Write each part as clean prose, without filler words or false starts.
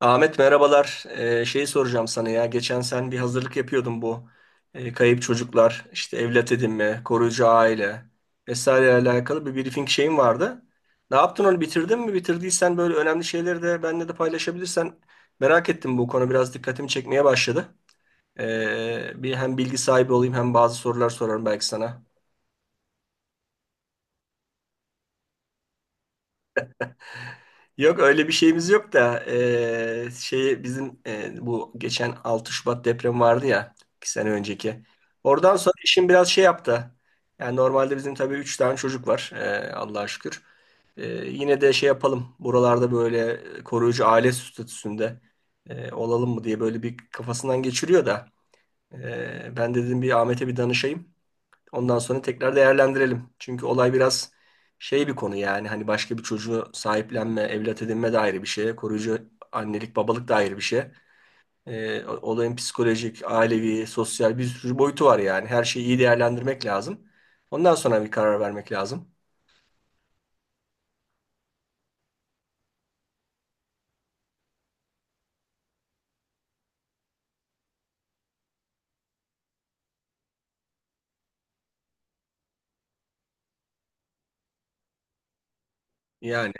Ahmet merhabalar. Şeyi soracağım sana ya. Geçen sen bir hazırlık yapıyordun, bu kayıp çocuklar, işte evlat edinme, koruyucu aile vesaire alakalı bir briefing şeyin vardı. Ne yaptın, onu bitirdin mi? Bitirdiysen böyle önemli şeyleri de benimle de paylaşabilirsen, merak ettim. Bu konu biraz dikkatimi çekmeye başladı. Bir hem bilgi sahibi olayım hem bazı sorular sorarım belki sana. Yok öyle bir şeyimiz yok da şey bizim, bu geçen 6 Şubat depremi vardı ya, 2 sene önceki. Oradan sonra işim biraz şey yaptı. Yani normalde bizim tabii 3 tane çocuk var, Allah'a şükür. Yine de şey yapalım buralarda, böyle koruyucu aile statüsünde olalım mı diye böyle bir kafasından geçiriyor da ben dedim bir Ahmet'e bir danışayım. Ondan sonra tekrar değerlendirelim. Çünkü olay biraz şey bir konu, yani hani başka bir çocuğu sahiplenme, evlat edinme de ayrı bir şey. Koruyucu annelik, babalık da ayrı bir şey. Ee, olayın psikolojik, ailevi, sosyal bir sürü boyutu var yani. Her şeyi iyi değerlendirmek lazım. Ondan sonra bir karar vermek lazım. Yani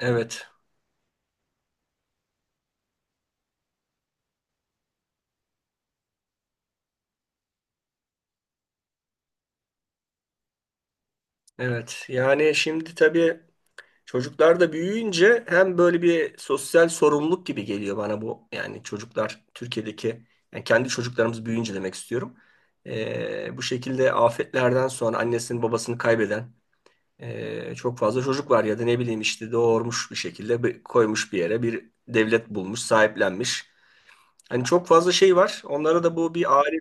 evet, evet. Yani şimdi tabii çocuklar da büyüyünce hem böyle bir sosyal sorumluluk gibi geliyor bana bu. Yani çocuklar Türkiye'deki, yani kendi çocuklarımız büyüyünce demek istiyorum. Bu şekilde afetlerden sonra annesini babasını kaybeden çok fazla çocuk var, ya da ne bileyim işte doğurmuş bir şekilde koymuş bir yere, bir devlet bulmuş sahiplenmiş. Hani çok fazla şey var. Onlara da bu bir ağrı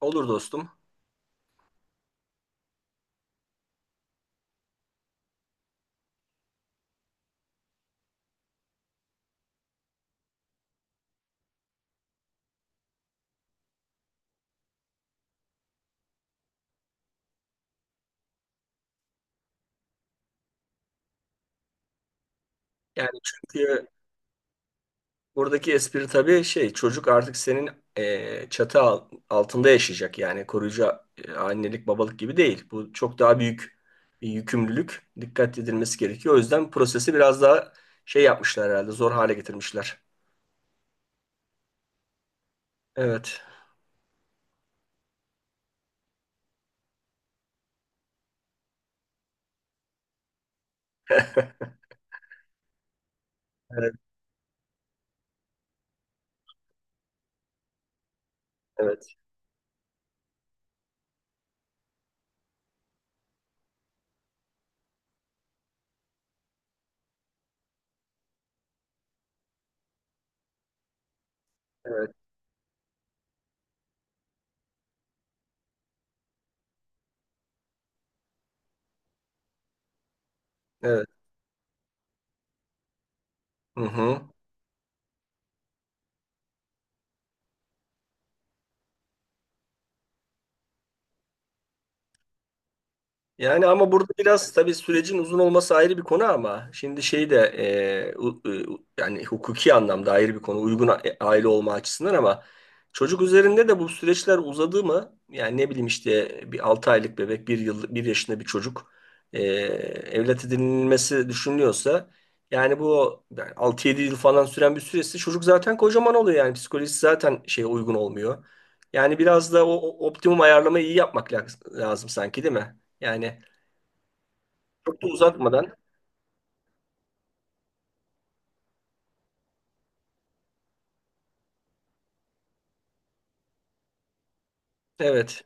olur dostum. Yani çünkü buradaki espri tabii şey, çocuk artık senin çatı altında yaşayacak, yani koruyucu annelik babalık gibi değil. Bu çok daha büyük bir yükümlülük, dikkat edilmesi gerekiyor. O yüzden prosesi biraz daha şey yapmışlar herhalde, zor hale getirmişler. Evet. Evet. Evet. Evet. Evet. Hı hı. Yani ama burada biraz tabii sürecin uzun olması ayrı bir konu, ama şimdi şey de yani hukuki anlamda ayrı bir konu, uygun aile olma açısından, ama çocuk üzerinde de bu süreçler uzadı mı, yani ne bileyim işte bir 6 aylık bebek, bir yıl, 1 yaşında bir çocuk e, evlat edinilmesi düşünülüyorsa, yani bu yani 6-7 yıl falan süren bir süresi, çocuk zaten kocaman oluyor, yani psikolojisi zaten şeye uygun olmuyor. Yani biraz da o optimum ayarlamayı iyi yapmak lazım sanki, değil mi? Yani çok da uzatmadan. Evet.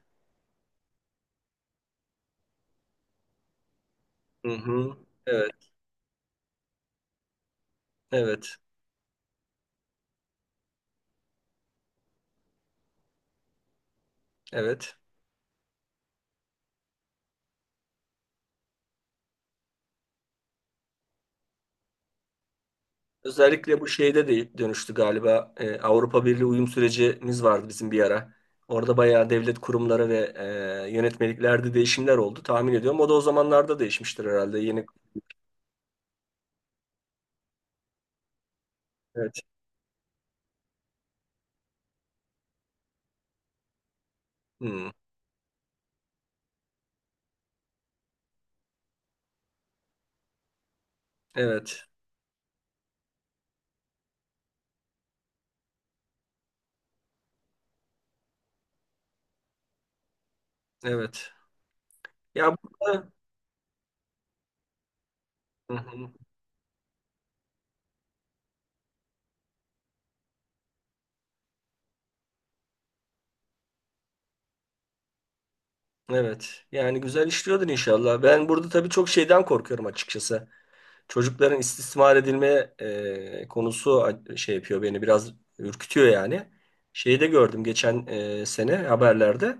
Hı hı. Evet. Evet. Evet. Özellikle bu şeyde de dönüştü galiba. Avrupa Birliği uyum sürecimiz vardı bizim bir ara. Orada bayağı devlet kurumları ve yönetmeliklerde değişimler oldu tahmin ediyorum. O da o zamanlarda değişmiştir herhalde. Yeni. Evet. Hı. Evet. Evet. Ya burada. Hı hı. Evet. Yani güzel işliyordur inşallah. Ben burada tabii çok şeyden korkuyorum açıkçası. Çocukların istismar edilme konusu şey yapıyor beni, biraz ürkütüyor yani. Şeyi de gördüm geçen sene haberlerde.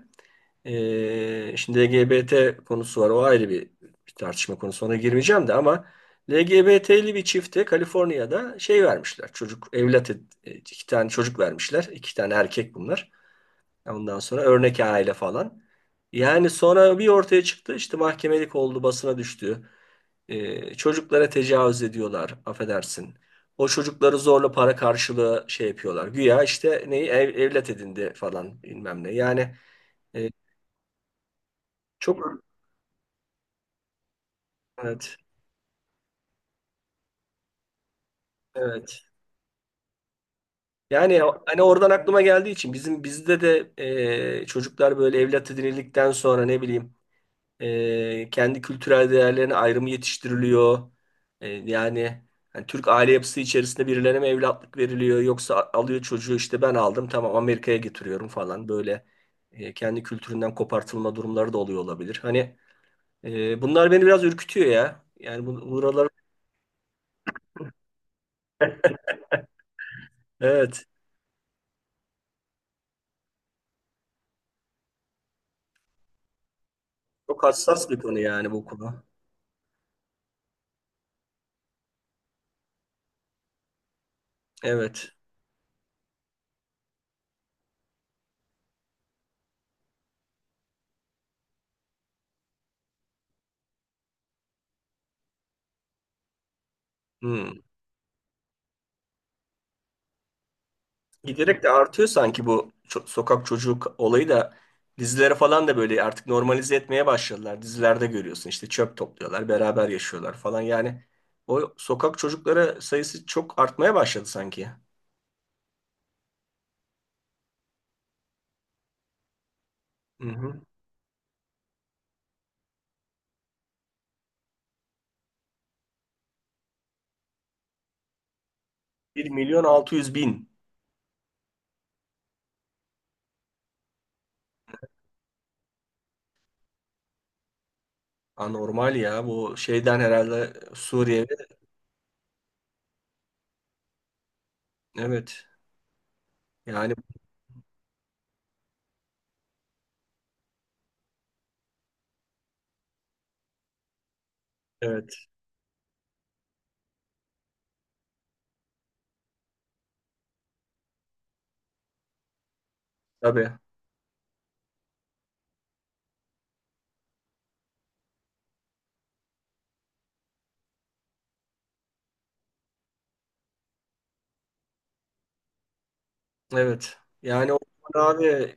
Şimdi LGBT konusu var, o ayrı bir tartışma konusu, ona girmeyeceğim de, ama LGBT'li bir çifte Kaliforniya'da şey vermişler. Çocuk evlat ed- e, iki tane çocuk vermişler. İki tane erkek bunlar. Ondan sonra örnek aile falan. Yani sonra bir ortaya çıktı, işte mahkemelik oldu, basına düştü. Çocuklara tecavüz ediyorlar, affedersin. O çocukları zorla para karşılığı şey yapıyorlar. Güya işte neyi evlat edindi falan bilmem ne. Yani e, çok. Evet, evet. Yani hani oradan aklıma geldiği için bizim bizde de çocuklar böyle evlat edinildikten sonra ne bileyim. Kendi kültürel değerlerine ayrımı yetiştiriliyor. Yani hani Türk aile yapısı içerisinde birilerine mi evlatlık veriliyor, yoksa alıyor çocuğu işte ben aldım tamam Amerika'ya getiriyorum falan, böyle kendi kültüründen kopartılma durumları da oluyor olabilir. Hani bunlar beni biraz ürkütüyor ya. Yani bu, buralar, evet, çok hassas bir konu yani bu konu. Evet. Hmm. Giderek de artıyor sanki bu sokak çocuk olayı da, dizilere falan da böyle artık normalize etmeye başladılar. Dizilerde görüyorsun işte, çöp topluyorlar, beraber yaşıyorlar falan. Yani o sokak çocukları sayısı çok artmaya başladı sanki. Hı hı. 1 milyon 600 bin. Anormal ya, bu şeyden herhalde, Suriye. Evet. Yani evet. Tabii. Evet. Yani o, abi,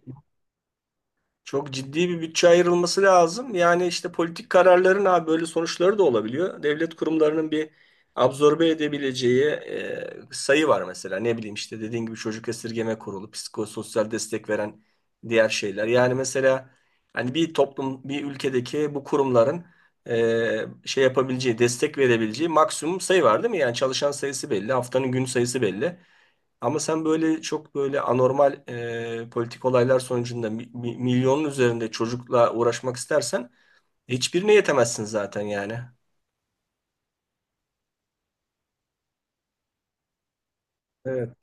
çok ciddi bir bütçe ayrılması lazım. Yani işte politik kararların abi böyle sonuçları da olabiliyor. Devlet kurumlarının bir absorbe edebileceği sayı var mesela. Ne bileyim işte dediğin gibi çocuk esirgeme kurulu, psikososyal destek veren diğer şeyler. Yani mesela hani bir toplum, bir ülkedeki bu kurumların e, şey yapabileceği, destek verebileceği maksimum sayı var değil mi? Yani çalışan sayısı belli, haftanın gün sayısı belli. Ama sen böyle çok böyle anormal politik olaylar sonucunda milyonun üzerinde çocukla uğraşmak istersen hiçbirine yetemezsin zaten yani. Evet.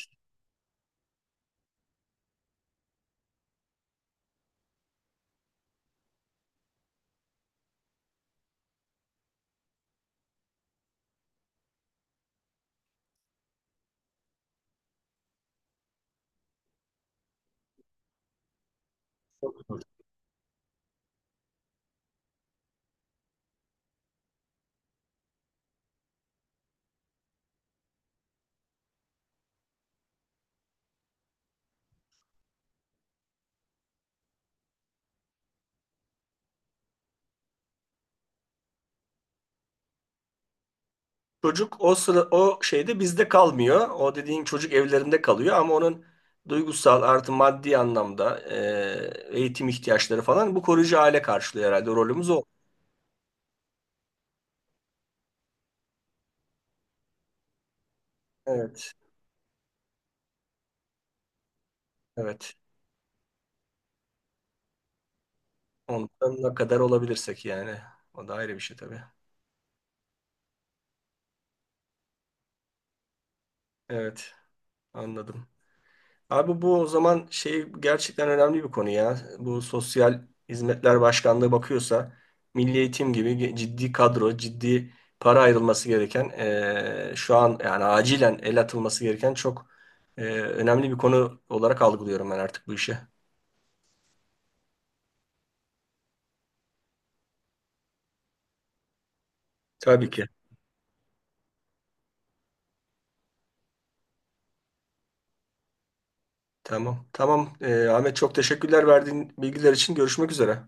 Çocuk o sıra o şeyde bizde kalmıyor. O dediğin çocuk evlerinde kalıyor, ama onun duygusal artı maddi anlamda eğitim ihtiyaçları falan, bu koruyucu aile karşılıyor herhalde. Rolümüz o. Evet. Evet. Ondan ne kadar olabilirsek yani. O da ayrı bir şey tabii. Evet. Anladım. Abi bu o zaman şey, gerçekten önemli bir konu ya. Bu Sosyal Hizmetler Başkanlığı bakıyorsa, Milli Eğitim gibi ciddi kadro, ciddi para ayrılması gereken, şu an yani acilen el atılması gereken çok önemli bir konu olarak algılıyorum ben artık bu işi. Tabii ki. Tamam. Tamam. Ahmet çok teşekkürler verdiğin bilgiler için. Görüşmek üzere.